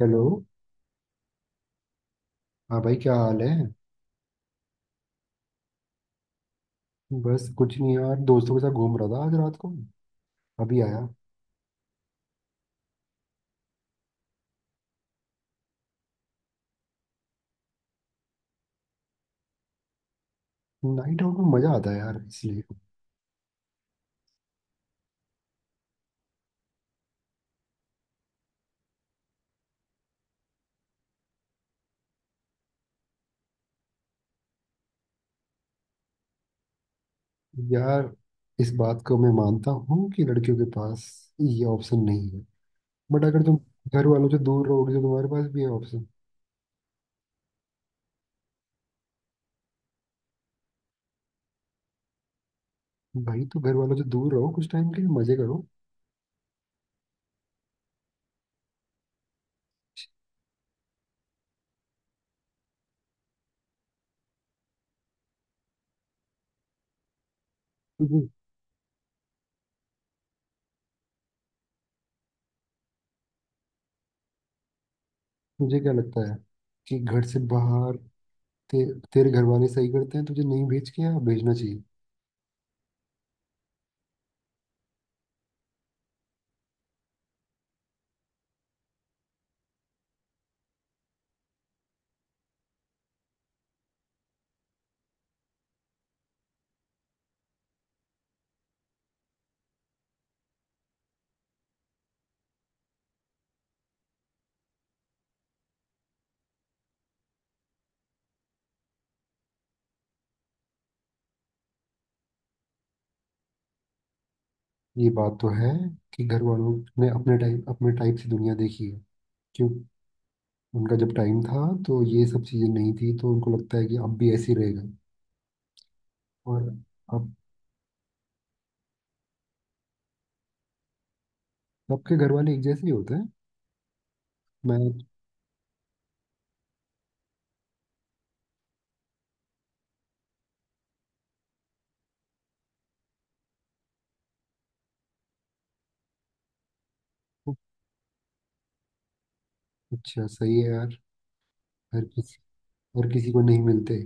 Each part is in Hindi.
हेलो। हाँ भाई, क्या हाल है? बस कुछ नहीं यार, दोस्तों के साथ घूम रहा था आज रात को, अभी आया। नाइट आउट में मजा आता है यार, इसलिए। यार, इस बात को मैं मानता हूँ कि लड़कियों के पास ये ऑप्शन नहीं है। बट अगर तुम घर वालों से दूर रहोगे तो तुम्हारे पास भी है ऑप्शन। भाई तो घर वालों से दूर रहो, कुछ टाइम के लिए मजे करो। तुझे तुझे क्या लगता है कि घर से बाहर ते, तेरे घर वाले सही करते हैं तुझे नहीं भेज के, या भेजना चाहिए? ये बात तो है कि घर वालों ने अपने टाइप से दुनिया देखी है, क्यों। उनका जब टाइम था तो ये सब चीज़ें नहीं थी, तो उनको लगता है कि अब भी ऐसे ही रहेगा। और अब सबके घर वाले एक जैसे ही होते हैं, मैं। तो, अच्छा सही है यार। हर किसी हर किसी को नहीं मिलते।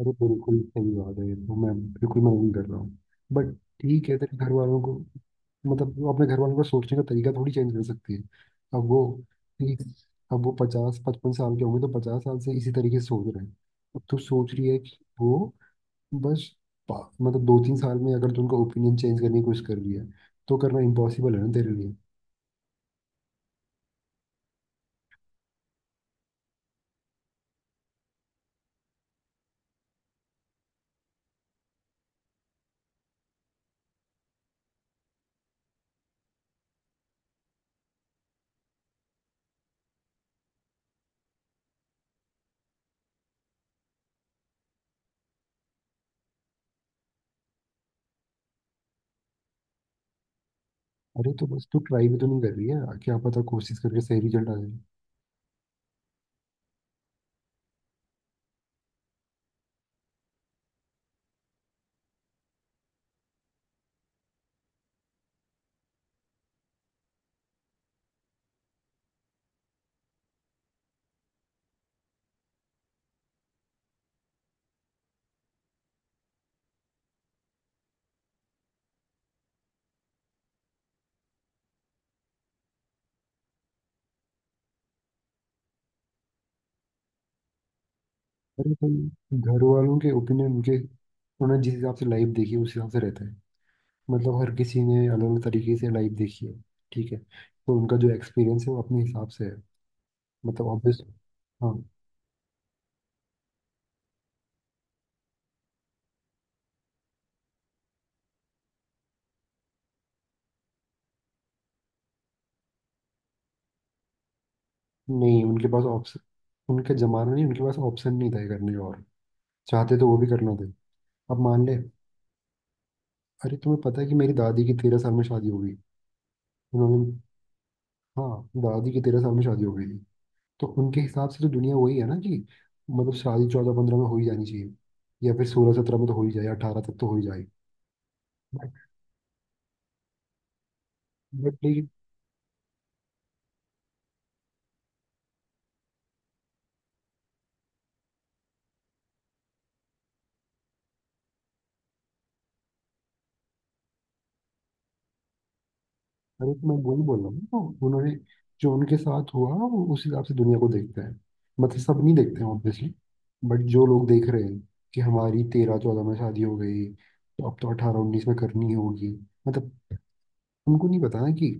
अरे बिल्कुल सही बात है, ये तो मैं वही कर रहा हूँ। बट ठीक है, तेरे घर वालों को मतलब वो अपने घर वालों का सोचने का तरीका थोड़ी चेंज कर सकती है। अब वो ठीक अब वो 50-55 साल के होंगे, तो 50 साल से इसी तरीके से सोच रहे हैं। अब तू सोच रही है कि वो बस मतलब 2-3 साल में अगर तू उनका ओपिनियन चेंज करने की कोशिश कर रही है तो करना इम्पॉसिबल है ना तेरे लिए। अरे तो बस तू ट्राई भी तो नहीं कर रही है, क्या पता कोशिश करके सही रिजल्ट आ जाए। अरे भाई, घर वालों के ओपिनियन उनके उन्होंने जिस हिसाब से लाइफ देखी है उस हिसाब से रहता है। मतलब हर किसी ने अलग अलग तरीके से लाइफ देखी है। ठीक है, तो उनका जो एक्सपीरियंस है वो अपने हिसाब से है। मतलब ऑब्वियस। हाँ। नहीं उनके पास ऑप्शन उनका जमाना नहीं, उनके पास ऑप्शन नहीं था ये करने का, और चाहते तो वो भी करना थे। अब मान ले, अरे तुम्हें पता है कि मेरी दादी की 13 साल में शादी हो गई? उन्होंने। हाँ, दादी की तेरह साल में शादी हो गई थी। तो उनके हिसाब से तो दुनिया वही है ना, कि मतलब शादी 14-15 में हो ही जानी चाहिए, या फिर 16-17 में तो हो ही जाए, 18 तक तो हो ही जाए। बट बट लेकिन अरे तो मैं वही बोल रहा हूँ, तो उन्होंने जो उनके साथ हुआ वो उस हिसाब से दुनिया को देखते हैं। मतलब सब नहीं देखते हैं ऑब्वियसली। बट जो लोग देख रहे हैं कि हमारी 13-14 में शादी हो गई तो अब तो 18-19 में करनी होगी। मतलब उनको नहीं पता ना, कि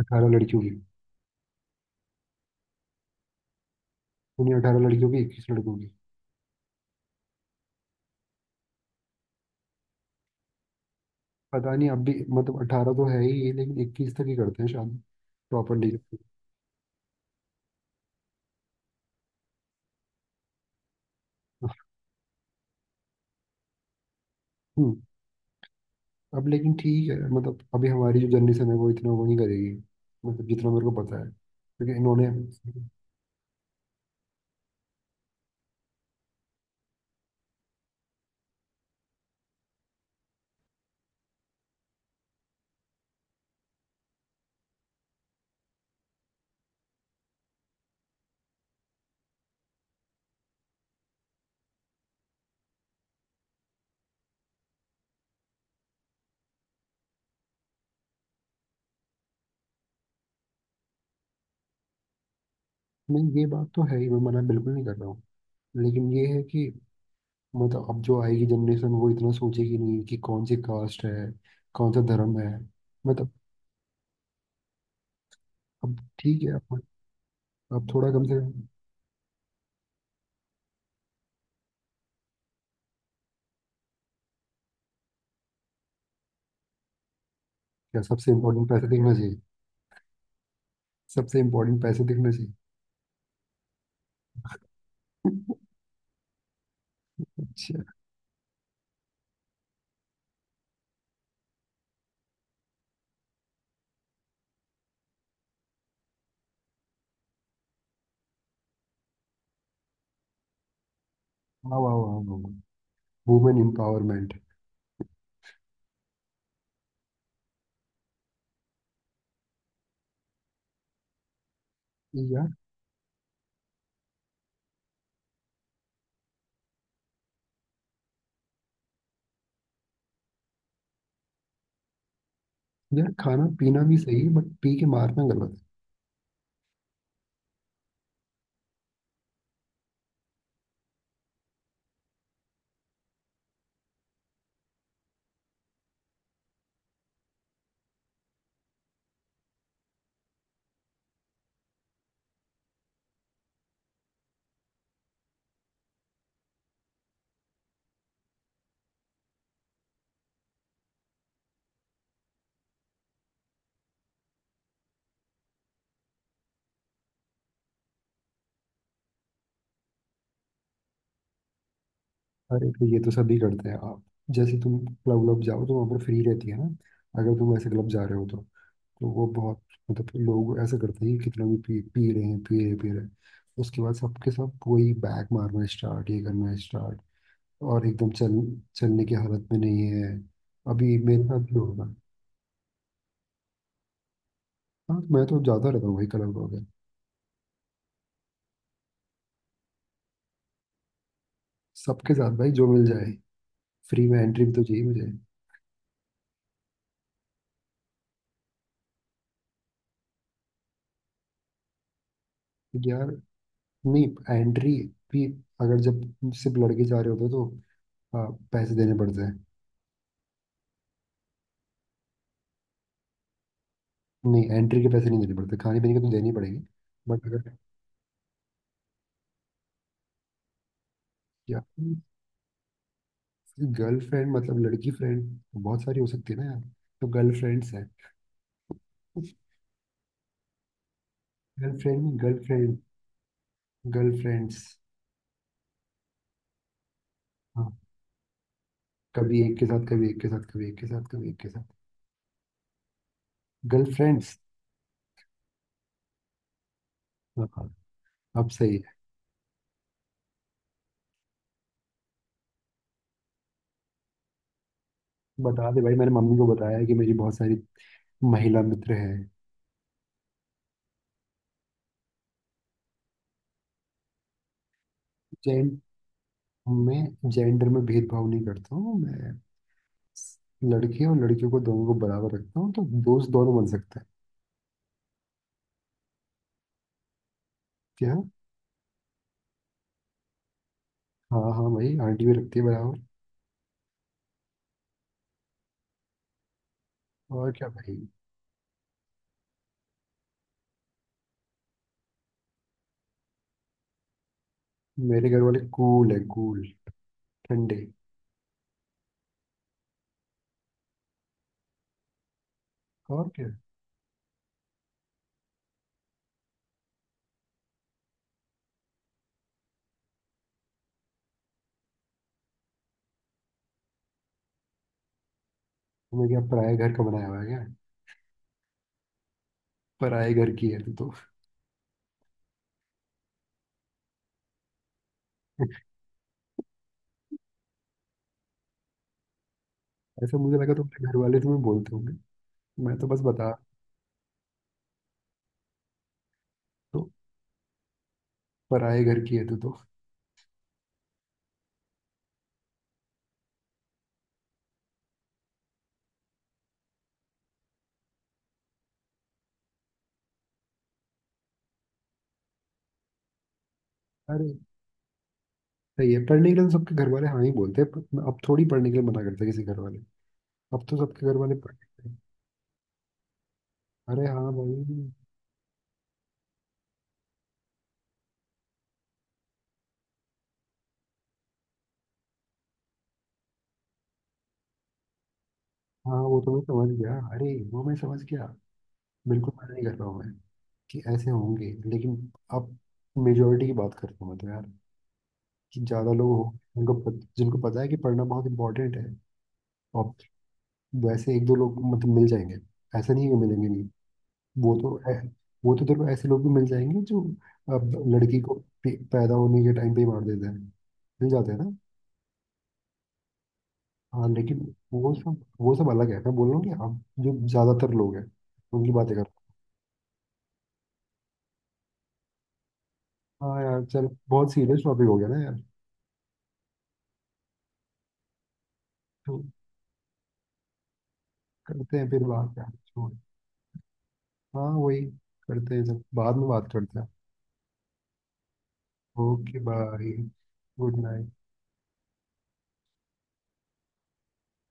18 लड़कियों की। उन्हीं 18 लड़कियों की, 21 लड़कों की। पता नहीं। अब भी मतलब 18 तो है ही ये, लेकिन 21 तक ही करते हैं शादी। Proper deal. हम्म। अब लेकिन ठीक है मतलब अभी हमारी जो जनरेशन है वो इतना वो नहीं करेगी। मतलब जितना मेरे को पता है क्योंकि इन्होंने, नहीं ये बात तो है ही, मैं मना बिल्कुल नहीं कर रहा हूँ, लेकिन ये है कि मतलब अब जो आएगी जनरेशन वो इतना सोचेगी नहीं कि कौन सी कास्ट है, कौन सा धर्म है मतलब। अब ठीक है, अब थोड़ा कम से कम। क्या सबसे इम्पोर्टेंट पैसे दिखना चाहिए? सबसे इम्पोर्टेंट पैसे दिखना चाहिए। अच्छा। वाह वाह वाह वाह, वुमेन एम्पावरमेंट। यार यार खाना पीना भी सही है, बट पी के मारना गलत है। अरे तो ये तो सभी करते हैं। आप जैसे तुम क्लब व्लब जाओ तो वहाँ पर फ्री रहती है ना, अगर तुम ऐसे क्लब जा रहे हो तो। तो वो बहुत मतलब लोग ऐसा करते हैं कि कितना भी पी, पी रहे हैं। उसके बाद सबके सब वही बैक मारना स्टार्ट, ये करना स्टार्ट, और एकदम चल चलने की हालत में नहीं है। अभी मेरे साथ भी होगा। हाँ मैं तो जाता रहता हूँ वही क्लब वगैरह, सबके साथ भाई, जो मिल जाए। फ्री में एंट्री भी तो चाहिए मुझे। यार नहीं, एंट्री भी अगर जब सिर्फ लड़के जा रहे होते हो तो पैसे देने पड़ते हैं। नहीं एंट्री के पैसे नहीं देने पड़ते, खाने पीने के तो देने ही पड़ेंगे। बट अगर यार गर्लफ्रेंड मतलब लड़की फ्रेंड बहुत सारी हो सकती है ना यार। तो गर्लफ्रेंड्स हैं। Girlfriend, girlfriends. हाँ, कभी एक के साथ, कभी एक के साथ, कभी एक के साथ, कभी एक के साथ। गर्लफ्रेंड्स। हाँ हाँ, अब सही है। बता दे भाई, मैंने मम्मी को बताया है कि मेरी बहुत सारी महिला मित्र हैं। जेंट मैं जेंडर में भेदभाव नहीं करता हूँ मैं। लड़के और लड़कियों को दोनों को बराबर रखता हूँ, तो दोस्त दोनों बन सकते हैं। क्या? हाँ हाँ भाई, आंटी भी रखती है बराबर। और क्या भाई। मेरे घर वाले कूल है, कूल, ठंडे। और क्या। तुम्हें क्या पराए घर का बनाया हुआ है क्या? पराए घर की है तू तो। ऐसा मुझे लगा तुम्हारे घर वाले तुम्हें बोलते होंगे। मैं तो बस बता, तो पराए घर की है तू तो। अरे सही है, पढ़ने के लिए तो सबके घर वाले हाँ ही बोलते हैं, पर अब थोड़ी पढ़ने के लिए मना करते हैं किसी घर वाले। अब तो सबके घर वाले पढ़ते हैं। अरे हाँ भाई। हाँ वो तो मैं समझ गया अरे वो मैं समझ गया। बिल्कुल मना नहीं कर रहा हूँ मैं कि ऐसे होंगे, लेकिन अब मेजोरिटी की बात करता हूँ मैं तो यार, कि ज़्यादा लोग हो जिनको पता है कि पढ़ना बहुत इंपॉर्टेंट है। और वैसे एक दो लोग मतलब मिल जाएंगे, ऐसा नहीं है कि मिलेंगे नहीं। वो तो है। वो तो देखो ऐसे लोग भी मिल जाएंगे जो अब लड़की को पैदा होने के टाइम पे ही मार देते हैं, मिल जाते हैं ना। हाँ लेकिन वो सब अलग है, मैं बोल रहा हूँ कि अब जो ज़्यादातर लोग हैं उनकी बातें कर। हाँ यार चल, बहुत सीरियस टॉपिक हो गया ना यार, तो करते हैं फिर बात यार, छोड़। हाँ वही करते हैं जब, बाद में बात करते हैं। Okay bye, good night.